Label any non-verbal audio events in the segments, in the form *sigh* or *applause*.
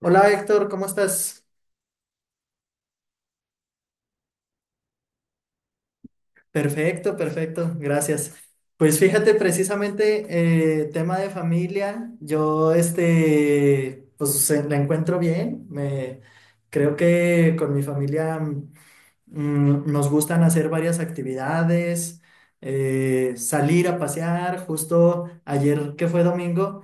Hola Héctor, ¿cómo estás? Perfecto, perfecto, gracias. Pues fíjate, precisamente tema de familia, pues la encuentro bien, creo que con mi familia nos gustan hacer varias actividades, salir a pasear, justo ayer que fue domingo,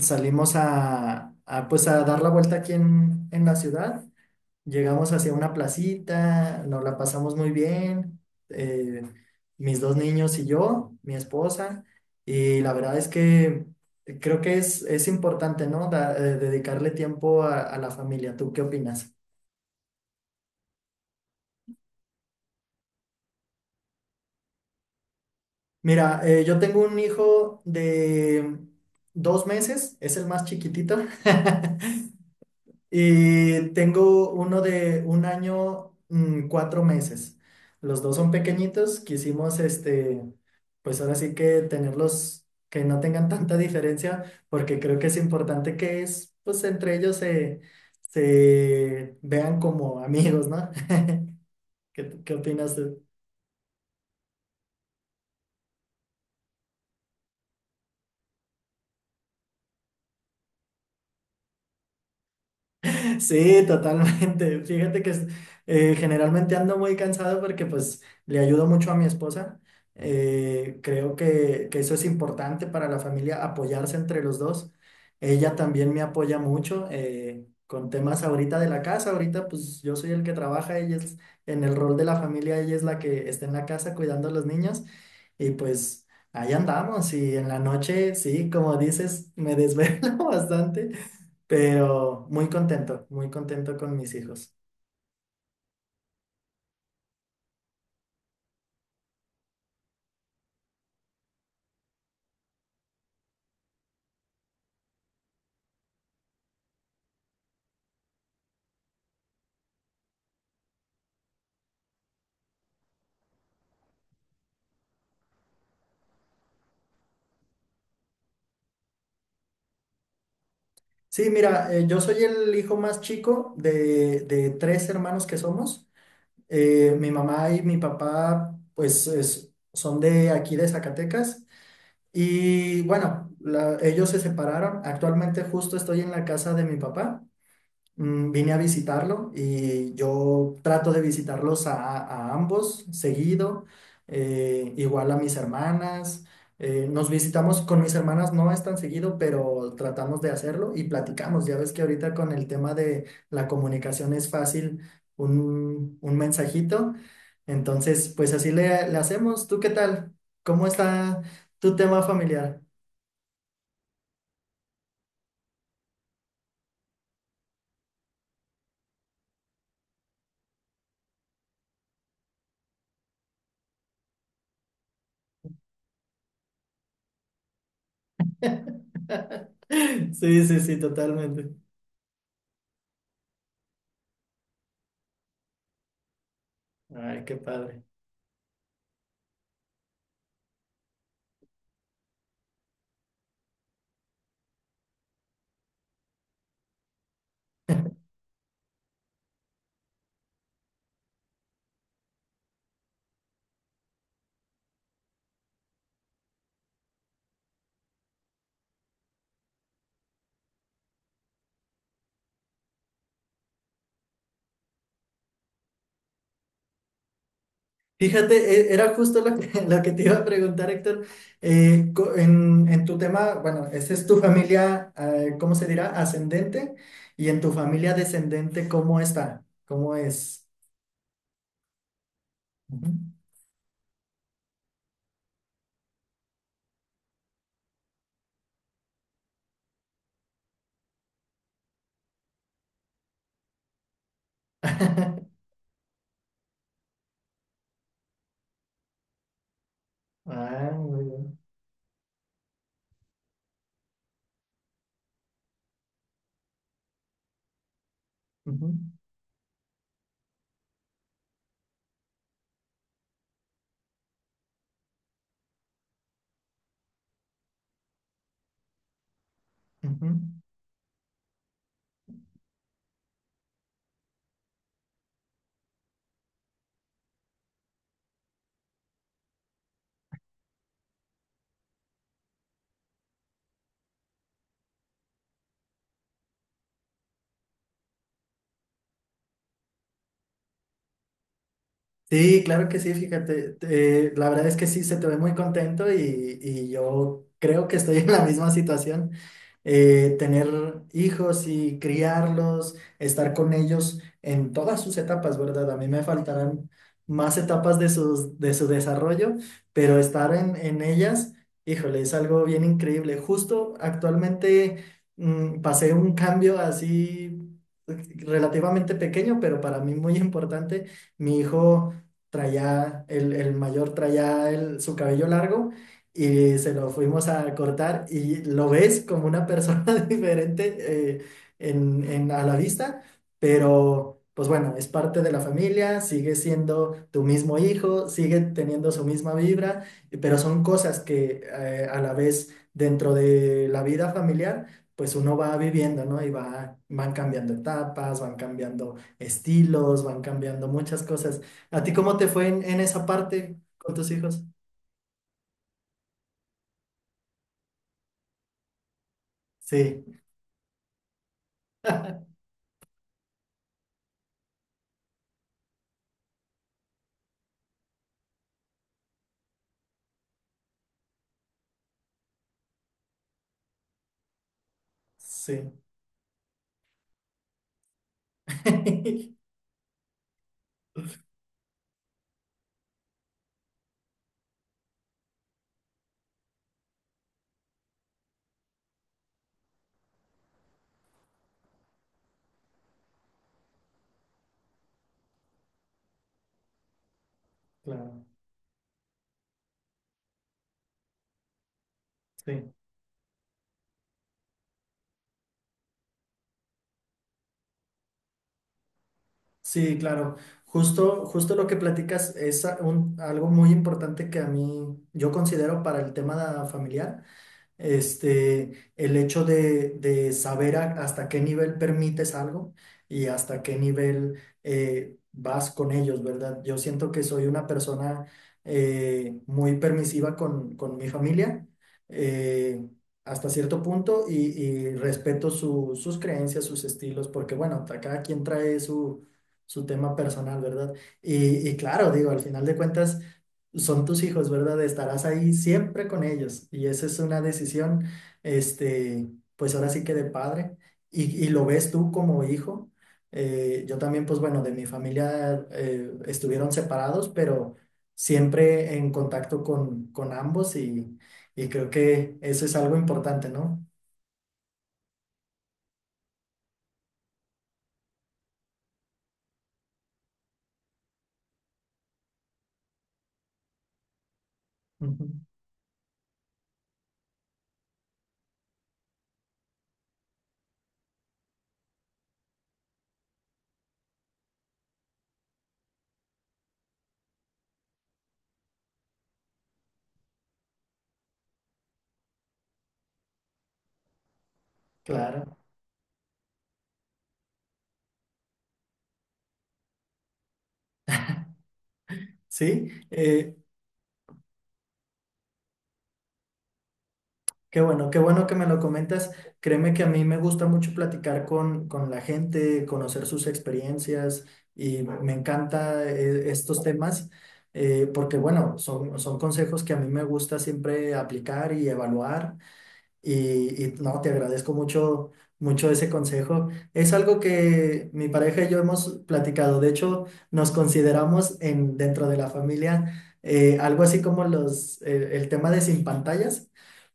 salimos pues a dar la vuelta aquí en la ciudad. Llegamos hacia una placita, nos la pasamos muy bien, eh, mis dos niños y yo, mi esposa, y la verdad es que creo que es importante, ¿no? Dedicarle tiempo a la familia. ¿Tú qué opinas? Mira, yo tengo un hijo de dos meses, es el más chiquitito. *laughs* Y tengo uno de un año, cuatro meses. Los dos son pequeñitos. Quisimos, pues ahora sí que tenerlos, que no tengan tanta diferencia, porque creo que es importante pues entre ellos se vean como amigos, ¿no? *laughs* ¿ qué opinas tú? Sí, totalmente. Fíjate que generalmente ando muy cansado porque pues le ayudo mucho a mi esposa. Creo que eso es importante para la familia, apoyarse entre los dos. Ella también me apoya mucho con temas ahorita de la casa. Ahorita pues yo soy el que trabaja, ella es en el rol de la familia, ella es la que está en la casa cuidando a los niños. Y pues ahí andamos y en la noche, sí, como dices, me desvelo *laughs* bastante, pero muy contento con mis hijos. Sí, mira, yo soy el hijo más chico de tres hermanos que somos. Mi mamá y mi papá, pues son de aquí de Zacatecas. Y bueno, ellos se separaron. Actualmente justo estoy en la casa de mi papá. Vine a visitarlo y yo trato de visitarlos a ambos seguido, igual a mis hermanas. Nos visitamos con mis hermanas, no es tan seguido, pero tratamos de hacerlo y platicamos. Ya ves que ahorita con el tema de la comunicación es fácil un mensajito. Entonces, pues así le hacemos. ¿Tú qué tal? ¿Cómo está tu tema familiar? *laughs* Sí, sí, sí, totalmente. Ay, qué padre. Fíjate, era justo lo que, *laughs* lo que te iba a preguntar, Héctor. En tu tema, bueno, esa es tu familia, ¿cómo se dirá? Ascendente. Y en tu familia descendente, ¿cómo está? ¿Cómo es? Ujú. *laughs* Ah, muy bien. Ujú, ujú. Sí, claro que sí, fíjate. La verdad es que sí, se te ve muy contento y yo creo que estoy en la misma situación. Tener hijos y criarlos, estar con ellos en todas sus etapas, ¿verdad? A mí me faltarán más etapas de su desarrollo, pero estar en ellas, híjole, es algo bien increíble. Justo actualmente pasé un cambio así relativamente pequeño, pero para mí muy importante. Mi hijo traía, el mayor traía su cabello largo y se lo fuimos a cortar y lo ves como una persona *laughs* diferente, eh, a la vista, pero pues bueno, es parte de la familia, sigue siendo tu mismo hijo, sigue teniendo su misma vibra, pero son cosas que a la vez dentro de la vida familiar, pues uno va viviendo, ¿no? Y van cambiando etapas, van cambiando estilos, van cambiando muchas cosas. ¿A ti cómo te fue en esa parte con tus hijos? Sí. Sí, *laughs* claro, sí, sí, claro. Justo, justo lo que platicas es algo muy importante que a mí yo considero para el tema familiar. El hecho de saber hasta qué nivel permites algo y hasta qué nivel vas con ellos, ¿verdad? Yo siento que soy una persona muy permisiva con mi familia eh, hasta cierto punto y respeto sus creencias, sus estilos, porque bueno, cada quien trae su tema personal, ¿verdad? Y claro, digo, al final de cuentas son tus hijos, ¿verdad? Estarás ahí siempre con ellos y esa es una decisión, este, pues ahora sí que de padre y lo ves tú como hijo. Yo también, pues bueno, de mi familia estuvieron separados, pero siempre en contacto con ambos y creo que eso es algo importante, ¿no? Ujú. Claro. Sí, qué bueno, qué bueno que me lo comentas. Créeme que a mí me gusta mucho platicar con la gente, conocer sus experiencias y me encanta estos temas porque, bueno, son consejos que a mí me gusta siempre aplicar y evaluar y no, te agradezco mucho, mucho ese consejo. Es algo que mi pareja y yo hemos platicado. De hecho, nos consideramos dentro de la familia algo así como el tema de sin pantallas,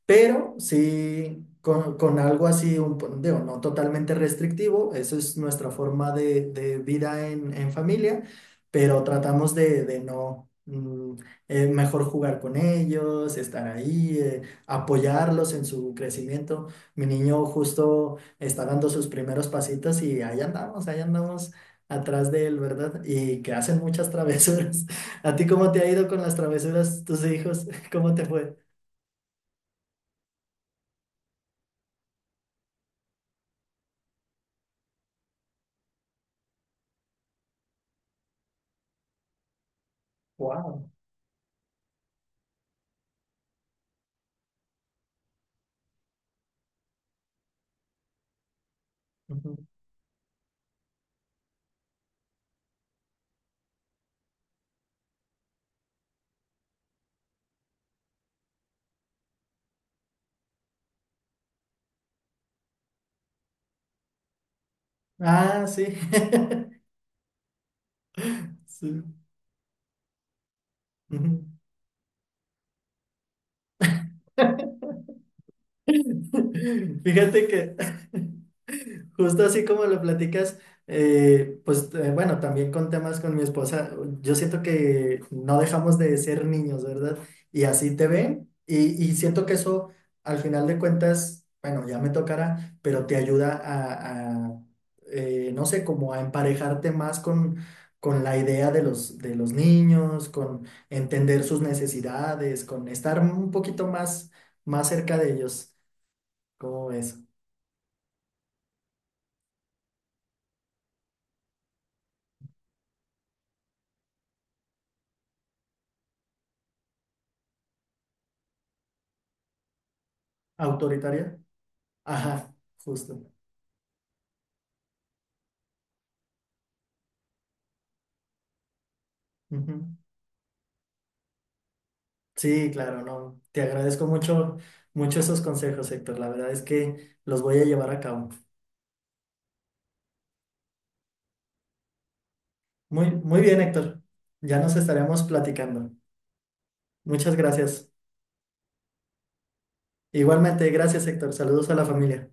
pero sí con algo así, digo, no totalmente restrictivo. Eso es nuestra forma de vida en familia, pero tratamos de no... mejor jugar con ellos, estar ahí. Apoyarlos en su crecimiento. Mi niño justo está dando sus primeros pasitos y ahí andamos atrás de él, ¿verdad? Y que hacen muchas travesuras. *laughs* ¿A ti cómo te ha ido con las travesuras, tus hijos? *laughs* ¿Cómo te fue? Wow. Ah, sí. *laughs* Sí. Ujú. *laughs* Fíjate que *laughs* justo así como lo platicas, bueno, también con temas con mi esposa, yo siento que no dejamos de ser niños, ¿verdad? Y así te ven y siento que eso al final de cuentas, bueno, ya me tocará, pero te ayuda a, no sé, como a emparejarte más con la idea de los niños, con entender sus necesidades, con estar un poquito más, más cerca de ellos. ¿Cómo ves? ¿Autoritaria? Ajá, justo. Ujú. Sí, claro, no. Te agradezco mucho, mucho esos consejos, Héctor. La verdad es que los voy a llevar a cabo. Muy, muy bien, Héctor. Ya nos estaremos platicando. Muchas gracias. Igualmente, gracias, Héctor. Saludos a la familia.